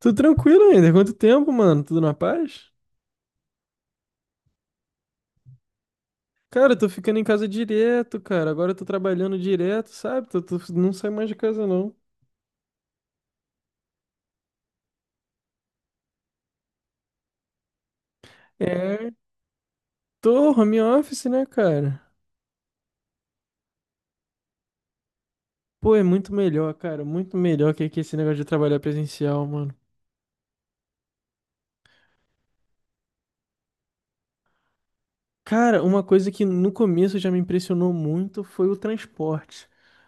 Tô tranquilo ainda. Quanto tempo, mano? Tudo na paz? Cara, eu tô ficando em casa direto, cara. Agora eu tô trabalhando direto, sabe? Não saio mais de casa, não. É, tô home office, né, cara? Pô, é muito melhor, cara. Muito melhor que esse negócio de trabalhar presencial, mano. Cara, uma coisa que no começo já me impressionou muito foi o transporte.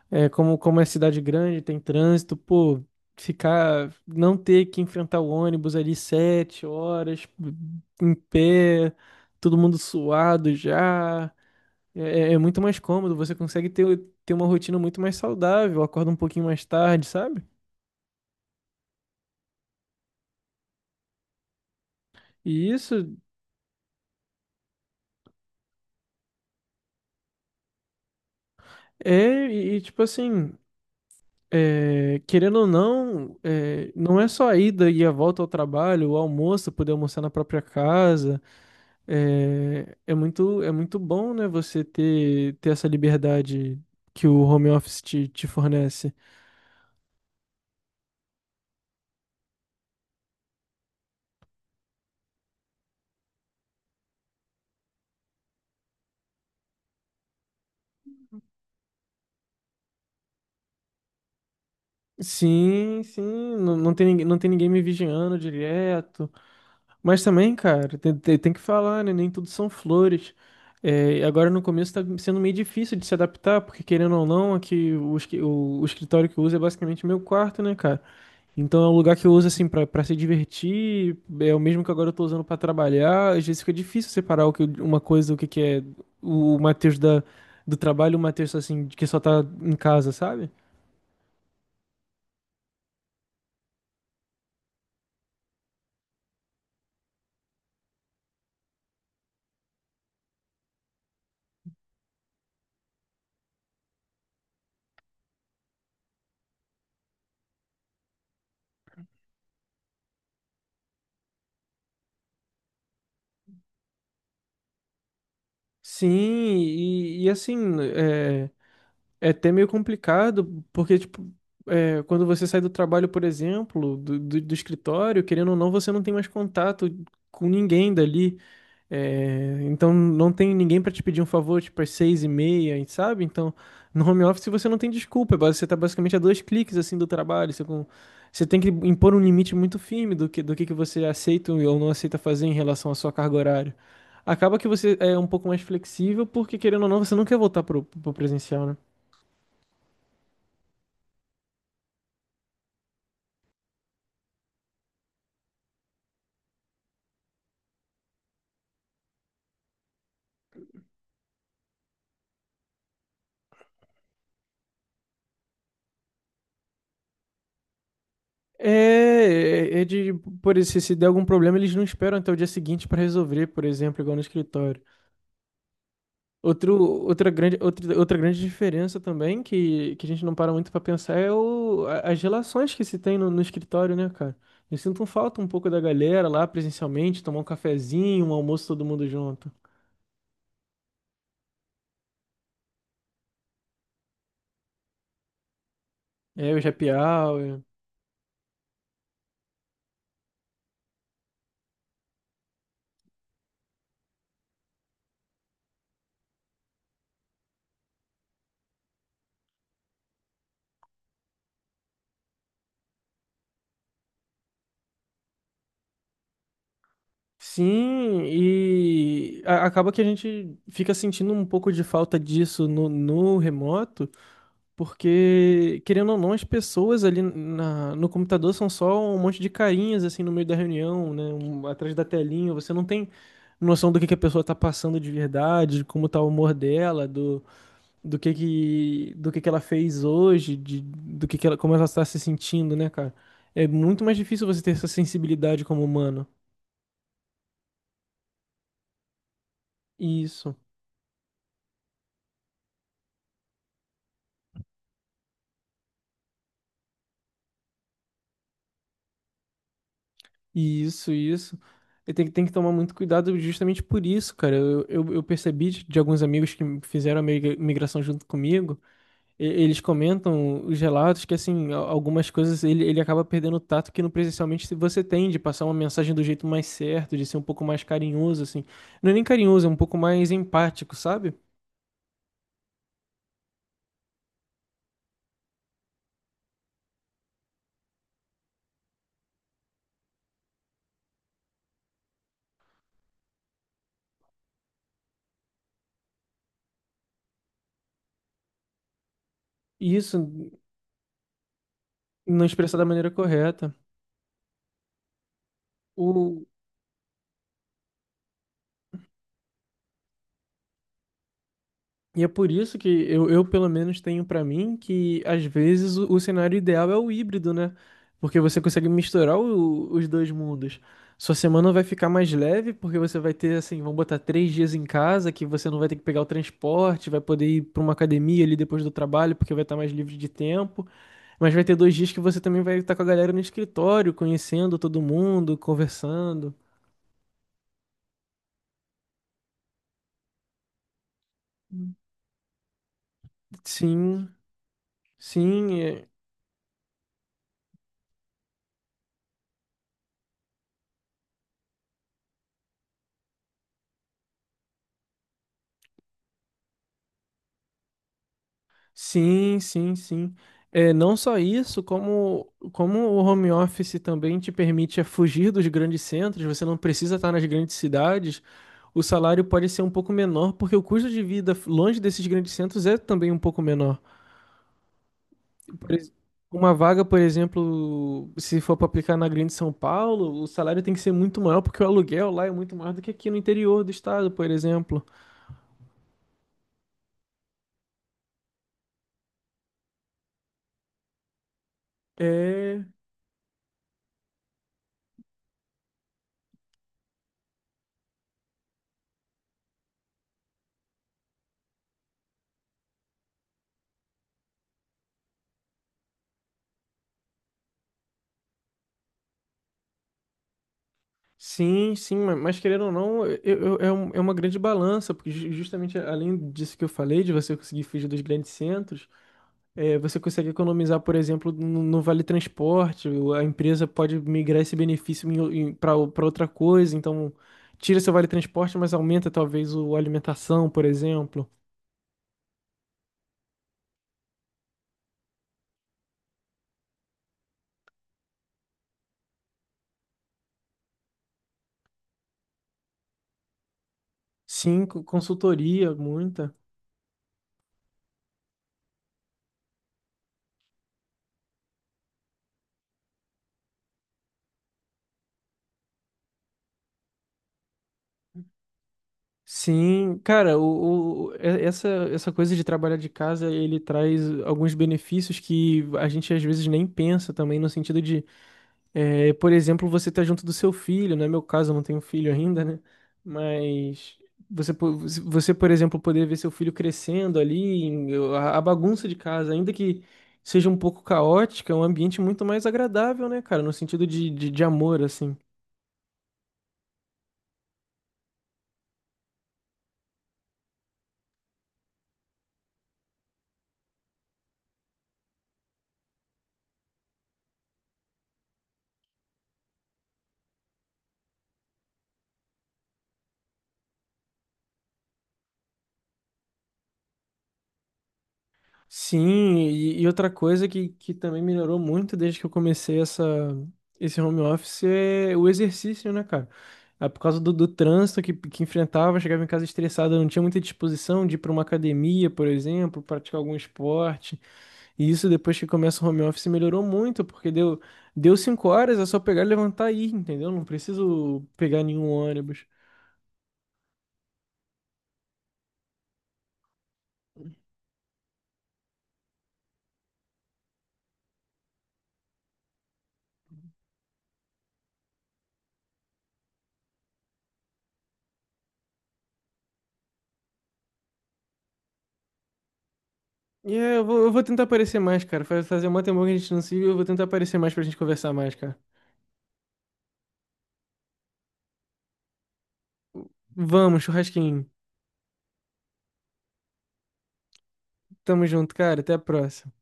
É, como é cidade grande, tem trânsito, pô, ficar, não ter que enfrentar o ônibus ali 7 horas, em pé, todo mundo suado já, é, é muito mais cômodo, ter uma rotina muito mais saudável, acorda um pouquinho mais tarde, sabe? E isso. Tipo assim, querendo ou não, não é só a ida e a volta ao trabalho, o almoço, poder almoçar na própria casa. É muito bom, né, ter essa liberdade que o home office te fornece. Sim, sim, não tem ninguém me vigiando direto. Mas também, cara, tem que falar, né? Nem tudo são flores. É, agora no começo tá sendo meio difícil de se adaptar, porque querendo ou não, aqui o, esqui- o escritório que eu uso é basicamente meu quarto, né, cara? Então é um lugar que eu uso assim pra para se divertir, é o mesmo que agora eu tô usando pra trabalhar. Às vezes fica difícil separar o que, que é o Matheus da, do trabalho, e o Matheus assim, que só tá em casa, sabe? Sim, e, e assim, é, É até meio complicado, porque, tipo, é, quando você sai do trabalho, por exemplo, do escritório, querendo ou não, você não tem mais contato com ninguém dali. É, então, não tem ninguém para te pedir um favor, tipo, às 6:30, sabe? Então, no home office você não tem desculpa, você tá basicamente a dois cliques, assim, do trabalho. Você tem que impor um limite muito firme do que, do que você aceita ou não aceita fazer em relação à sua carga horária. Acaba que você é um pouco mais flexível, porque, querendo ou não, você não quer voltar pro presencial, né? É, é é de, por isso, se der algum problema, eles não esperam até o dia seguinte para resolver, por exemplo, igual no escritório. Outro, outra grande diferença também, que a gente não para muito para pensar, é as relações que se tem no escritório, né, cara? Eu sinto falta um pouco da galera lá presencialmente, tomar um cafezinho, um almoço todo mundo junto. É, o happy hour. Sim, acaba que a gente fica sentindo um pouco de falta disso no remoto. Porque, querendo ou não, as pessoas ali no computador são só um monte de carinhas, assim, no meio da reunião, né? Atrás da telinha. Você não tem noção que a pessoa tá passando de verdade, de como tá o humor dela, do que ela fez hoje, de, do que ela, como ela tá se sentindo, né, cara? É muito mais difícil você ter essa sensibilidade como humano. Isso. Isso, isso. E tem que tomar muito cuidado justamente por isso, cara. Eu percebi de alguns amigos que fizeram a migração junto comigo, eles comentam os relatos que, assim, algumas coisas ele acaba perdendo o tato que no presencialmente se você tem, de passar uma mensagem do jeito mais certo, de ser um pouco mais carinhoso, assim. Não é nem carinhoso, é um pouco mais empático, sabe? E isso, não expressar da maneira correta. E é por isso que eu pelo menos, tenho pra mim que, às vezes, o cenário ideal é o híbrido, né? Porque você consegue misturar os dois mundos. Sua semana vai ficar mais leve, porque você vai ter, assim, vamos botar 3 dias em casa, que você não vai ter que pegar o transporte, vai poder ir pra uma academia ali depois do trabalho, porque vai estar mais livre de tempo. Mas vai ter 2 dias que você também vai estar com a galera no escritório, conhecendo todo mundo, conversando. Sim, sim, é. Sim, é, não só isso, como o home office também te permite fugir dos grandes centros, você não precisa estar nas grandes cidades, o salário pode ser um pouco menor, porque o custo de vida longe desses grandes centros é também um pouco menor. Por ex- uma vaga, por exemplo, se for para aplicar na Grande São Paulo, o salário tem que ser muito maior, porque o aluguel lá é muito maior do que aqui no interior do estado, por exemplo. É. Mas querendo ou não, é uma grande balança, porque justamente além disso que eu falei, de você conseguir fugir dos grandes centros, é, você consegue economizar, por exemplo, no vale transporte, a empresa pode migrar esse benefício para outra coisa, então tira seu vale transporte, mas aumenta talvez o alimentação, por exemplo. Consultoria, muita. Sim, cara, essa coisa de trabalhar de casa, ele traz alguns benefícios que a gente às vezes nem pensa também, no sentido de, é, por exemplo, você tá junto do seu filho, não é meu caso, eu não tenho filho ainda, né? Mas você, po- você, por exemplo, poder ver seu filho crescendo ali, a bagunça de casa, ainda que seja um pouco caótica, é um ambiente muito mais agradável, né, cara, no sentido de amor, assim. Sim, e outra coisa que também melhorou muito desde que eu comecei esse home office é o exercício, né, cara? Ah, por causa do trânsito que enfrentava, chegava em casa estressado, eu não tinha muita disposição de ir para uma academia, por exemplo, praticar algum esporte. E isso depois que começa o home office melhorou muito, porque deu 5 horas, é só pegar, levantar e ir, entendeu? Não preciso pegar nenhum ônibus. Eu vou tentar aparecer mais, cara. Fazer uma temporada que a gente não se viu, eu vou tentar aparecer mais pra gente conversar mais, cara. Vamos, churrasquinho. Tamo junto, cara. Até a próxima.